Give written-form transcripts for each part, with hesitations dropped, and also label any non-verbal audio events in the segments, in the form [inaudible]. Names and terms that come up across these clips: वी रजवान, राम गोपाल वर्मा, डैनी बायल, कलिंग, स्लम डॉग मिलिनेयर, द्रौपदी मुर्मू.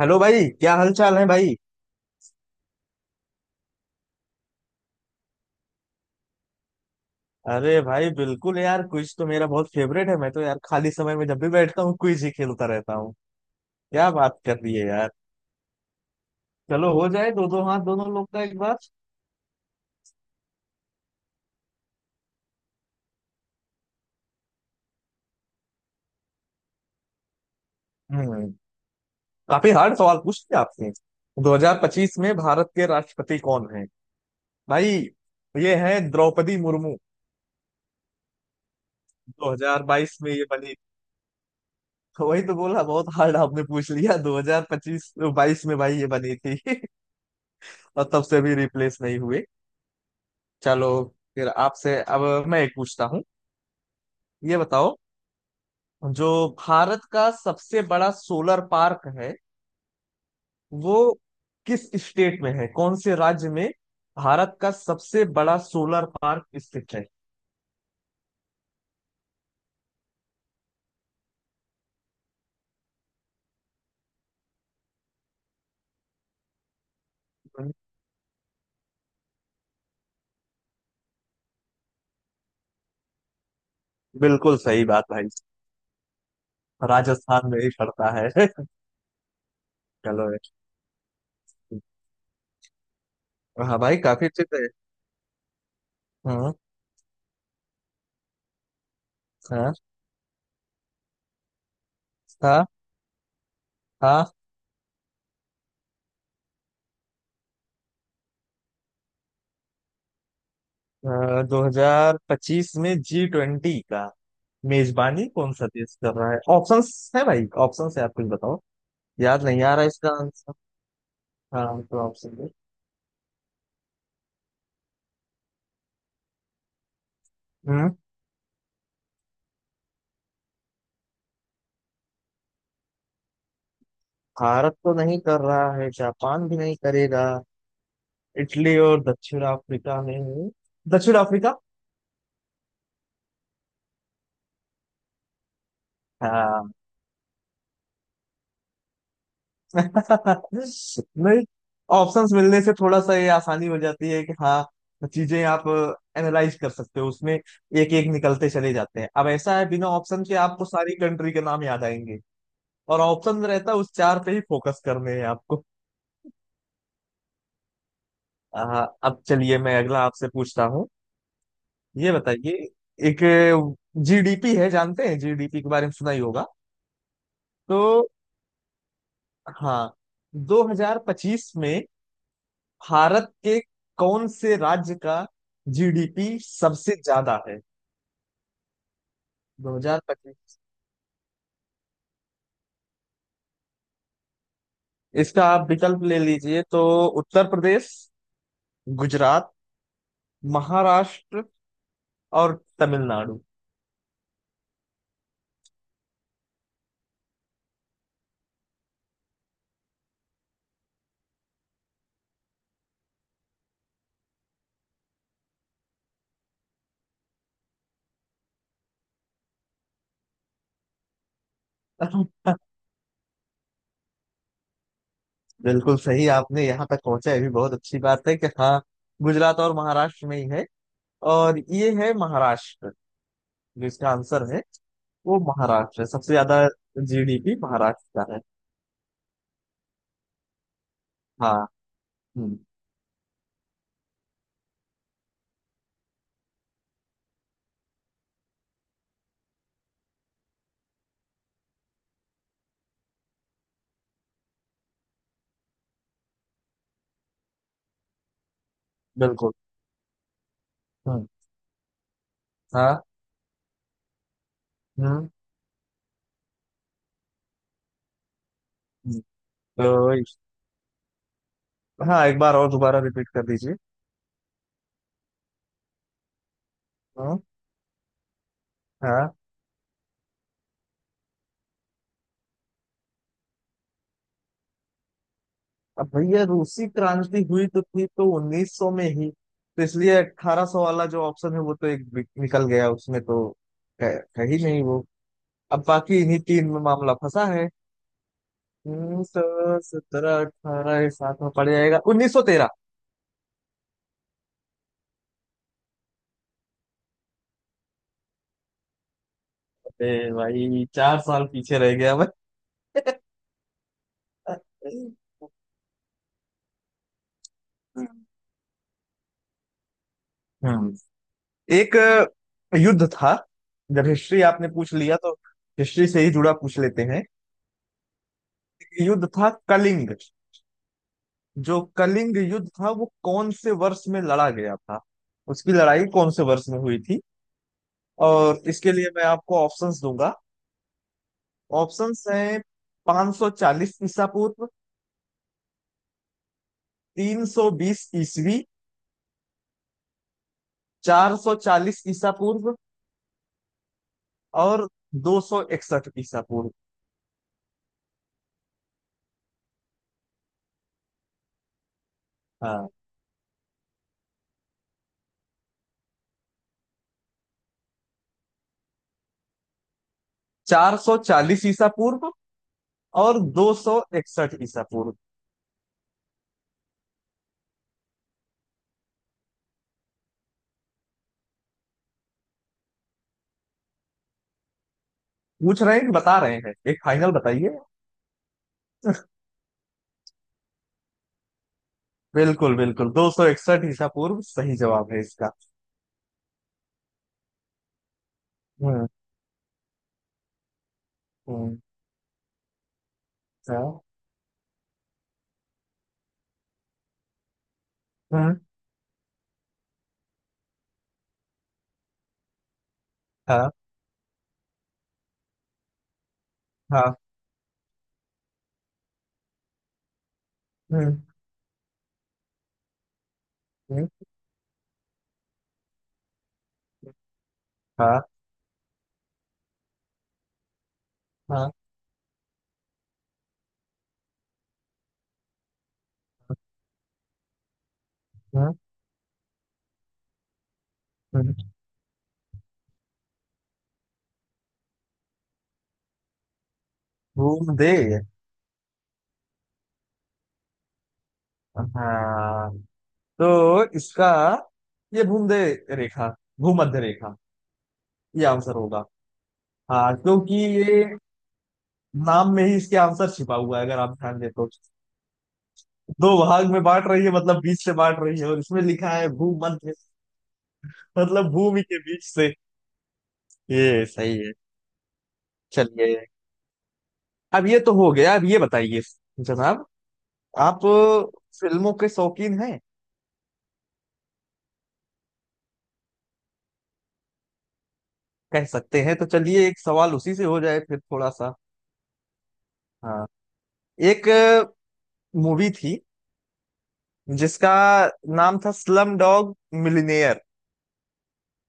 Hello भाई, क्या हाल चाल है भाई। अरे भाई बिल्कुल यार, क्विज तो मेरा बहुत फेवरेट है। मैं तो यार खाली समय में जब भी बैठता हूँ क्विज ही खेलता रहता हूँ। क्या बात कर रही है यार। चलो हो जाए दो दो हाथ दोनों लोग का एक बार। हम्म काफी हार्ड सवाल पूछ लिया आपने। 2025 में भारत के राष्ट्रपति कौन है भाई। ये है द्रौपदी मुर्मू। 2022 में ये बनी। वही तो बोला, बहुत हार्ड आपने पूछ लिया, 2025 22 में भाई ये बनी थी। [laughs] और तब से भी रिप्लेस नहीं हुए। चलो, फिर आपसे अब मैं एक पूछता हूँ। ये बताओ, जो भारत का सबसे बड़ा सोलर पार्क है वो किस स्टेट में है, कौन से राज्य में भारत का सबसे बड़ा सोलर पार्क स्थित है। बिल्कुल सही बात भाई। राजस्थान में ही पड़ता है। [laughs] चलो, हाँ भाई काफी अच्छे थे। हाँ, हाँ, हाँ, हाँ। 2025 में G20 का मेजबानी कौन सा देश कर रहा है? ऑप्शंस है भाई, ऑप्शंस है, आप कुछ बताओ। याद नहीं आ रहा इसका आंसर। हाँ, तो ऑप्शन दे। हम्म। भारत तो नहीं कर रहा है, जापान भी नहीं करेगा। इटली और दक्षिण अफ्रीका में, दक्षिण अफ्रीका। हाँ। [laughs] नहीं, ऑप्शंस मिलने से थोड़ा सा ये आसानी हो जाती है कि हाँ, चीजें आप एनालाइज कर सकते हो, उसमें एक एक निकलते चले जाते हैं। अब ऐसा है, बिना ऑप्शन के आपको सारी कंट्री के नाम याद आएंगे। और ऑप्शन रहता है उस चार पे ही फोकस करने हैं आपको। हाँ, अब चलिए मैं अगला आपसे पूछता हूँ। ये बताइए, एक जीडीपी है, जानते हैं? जीडीपी के बारे में सुना ही होगा। तो हाँ, 2025 में भारत के कौन से राज्य का जीडीपी सबसे ज्यादा है? 2025। इसका आप विकल्प ले लीजिए तो: उत्तर प्रदेश, गुजरात, महाराष्ट्र और तमिलनाडु। [laughs] बिल्कुल सही, आपने यहाँ तक पहुंचा ये भी बहुत अच्छी बात है कि हाँ, गुजरात और महाराष्ट्र में ही है। और ये है महाराष्ट्र जो इसका आंसर है। वो महाराष्ट्र है, सबसे ज्यादा जीडीपी महाराष्ट्र का है। हाँ। हम्म। बिल्कुल। हम्म। हाँ। हम्म। हम्म। तो इस- हाँ, एक बार और दोबारा रिपीट कर दीजिए। हम्म। हाँ। अब भैया रूसी क्रांति हुई तो थी तो 1900 में ही, तो इसलिए 1800 वाला जो ऑप्शन है वो तो एक निकल गया, उसमें तो है है ही नहीं वो। अब बाकी इन्हीं तीन में मामला फंसा है। तो सत्रह अठारह सात में पड़ जाएगा, 1913। ए भाई चार साल पीछे रह गया मैं। हम्म। एक युद्ध था, जब हिस्ट्री आपने पूछ लिया तो हिस्ट्री से ही जुड़ा पूछ लेते हैं। युद्ध था कलिंग। जो कलिंग युद्ध था वो कौन से वर्ष में लड़ा गया था, उसकी लड़ाई कौन से वर्ष में हुई थी? और इसके लिए मैं आपको ऑप्शंस दूंगा। ऑप्शंस हैं: 540 ईसा पूर्व, 320 ईसवी, 440 ईसा पूर्व और 261 ईसा पूर्व। हाँ, 440 ईसा पूर्व और 261 ईसा पूर्व। पूछ रहे हैं कि बता रहे हैं? एक फाइनल बताइए। बिल्कुल, बिल्कुल। 261 ईसा पूर्व सही जवाब है इसका। हम्म। हम्म। हाँ। हम्म। हाँ। हाँ। हम्म। हम्म। हाँ। हाँ। हम्म। हम्म, भूमध्य। हाँ, तो इसका ये भूमध्य रेखा, भूमध्य रेखा ये आंसर होगा। हाँ, क्योंकि ये नाम में ही इसके आंसर छिपा हुआ है अगर आप ध्यान दें तो। दो भाग में बांट रही है मतलब बीच से बांट रही है, और इसमें लिखा है भूमध्य, मतलब भूमि के बीच से। ये सही है। चलिए, अब ये तो हो गया, अब ये बताइए जनाब, आप फिल्मों के शौकीन हैं? कह सकते हैं तो चलिए एक सवाल उसी से हो जाए फिर, थोड़ा सा। हाँ। एक मूवी थी जिसका नाम था स्लम डॉग मिलिनेयर।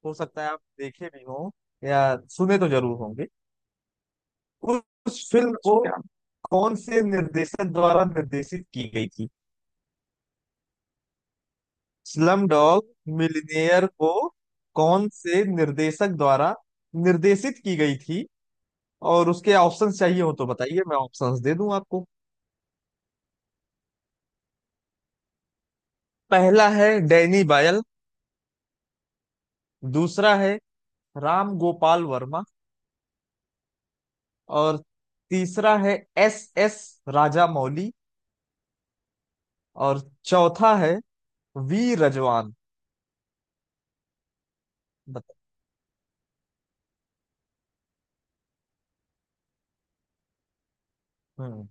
हो सकता है आप देखे भी हो, या सुने तो जरूर होंगे। उस उस फिल्म को कौन से निर्देशक द्वारा निर्देशित की गई थी? स्लम डॉग मिलियनेयर को कौन से निर्देशक द्वारा निर्देशित की गई थी? और उसके ऑप्शंस चाहिए हो तो बताइए, मैं ऑप्शंस दे दूं आपको। पहला है डैनी बायल। दूसरा है राम गोपाल वर्मा। और तीसरा है एस एस राजा मौली। और चौथा है वी रजवान। बताइए। हम्म।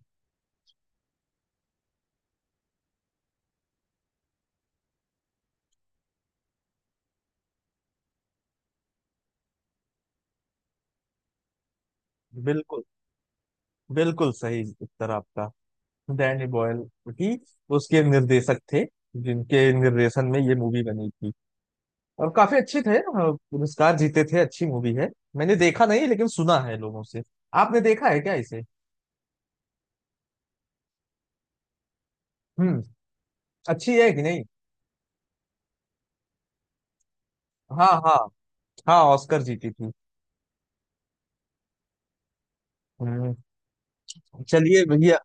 बिल्कुल, बिल्कुल सही उत्तर आपका। डैनी बॉयल ही उसके निर्देशक थे, जिनके निर्देशन में ये मूवी बनी थी। और काफी अच्छे थे, पुरस्कार जीते थे। अच्छी मूवी है। मैंने देखा नहीं लेकिन सुना है लोगों से। आपने देखा है क्या इसे? हम्म। अच्छी है कि नहीं? हाँ, हाँ। हाँ, ऑस्कर जीती थी। हम्म। चलिए भैया।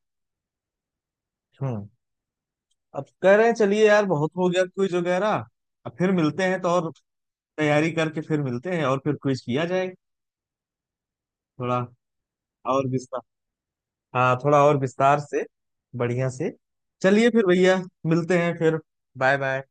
हम्म। अब कह रहे हैं चलिए यार, बहुत हो गया क्विज वगैरह। अब फिर मिलते हैं, तो और तैयारी करके फिर मिलते हैं और फिर क्विज किया जाए। थोड़ा और विस्तार। हाँ, थोड़ा और विस्तार से। बढ़िया से। चलिए फिर भैया। मिलते हैं फिर। Bye bye.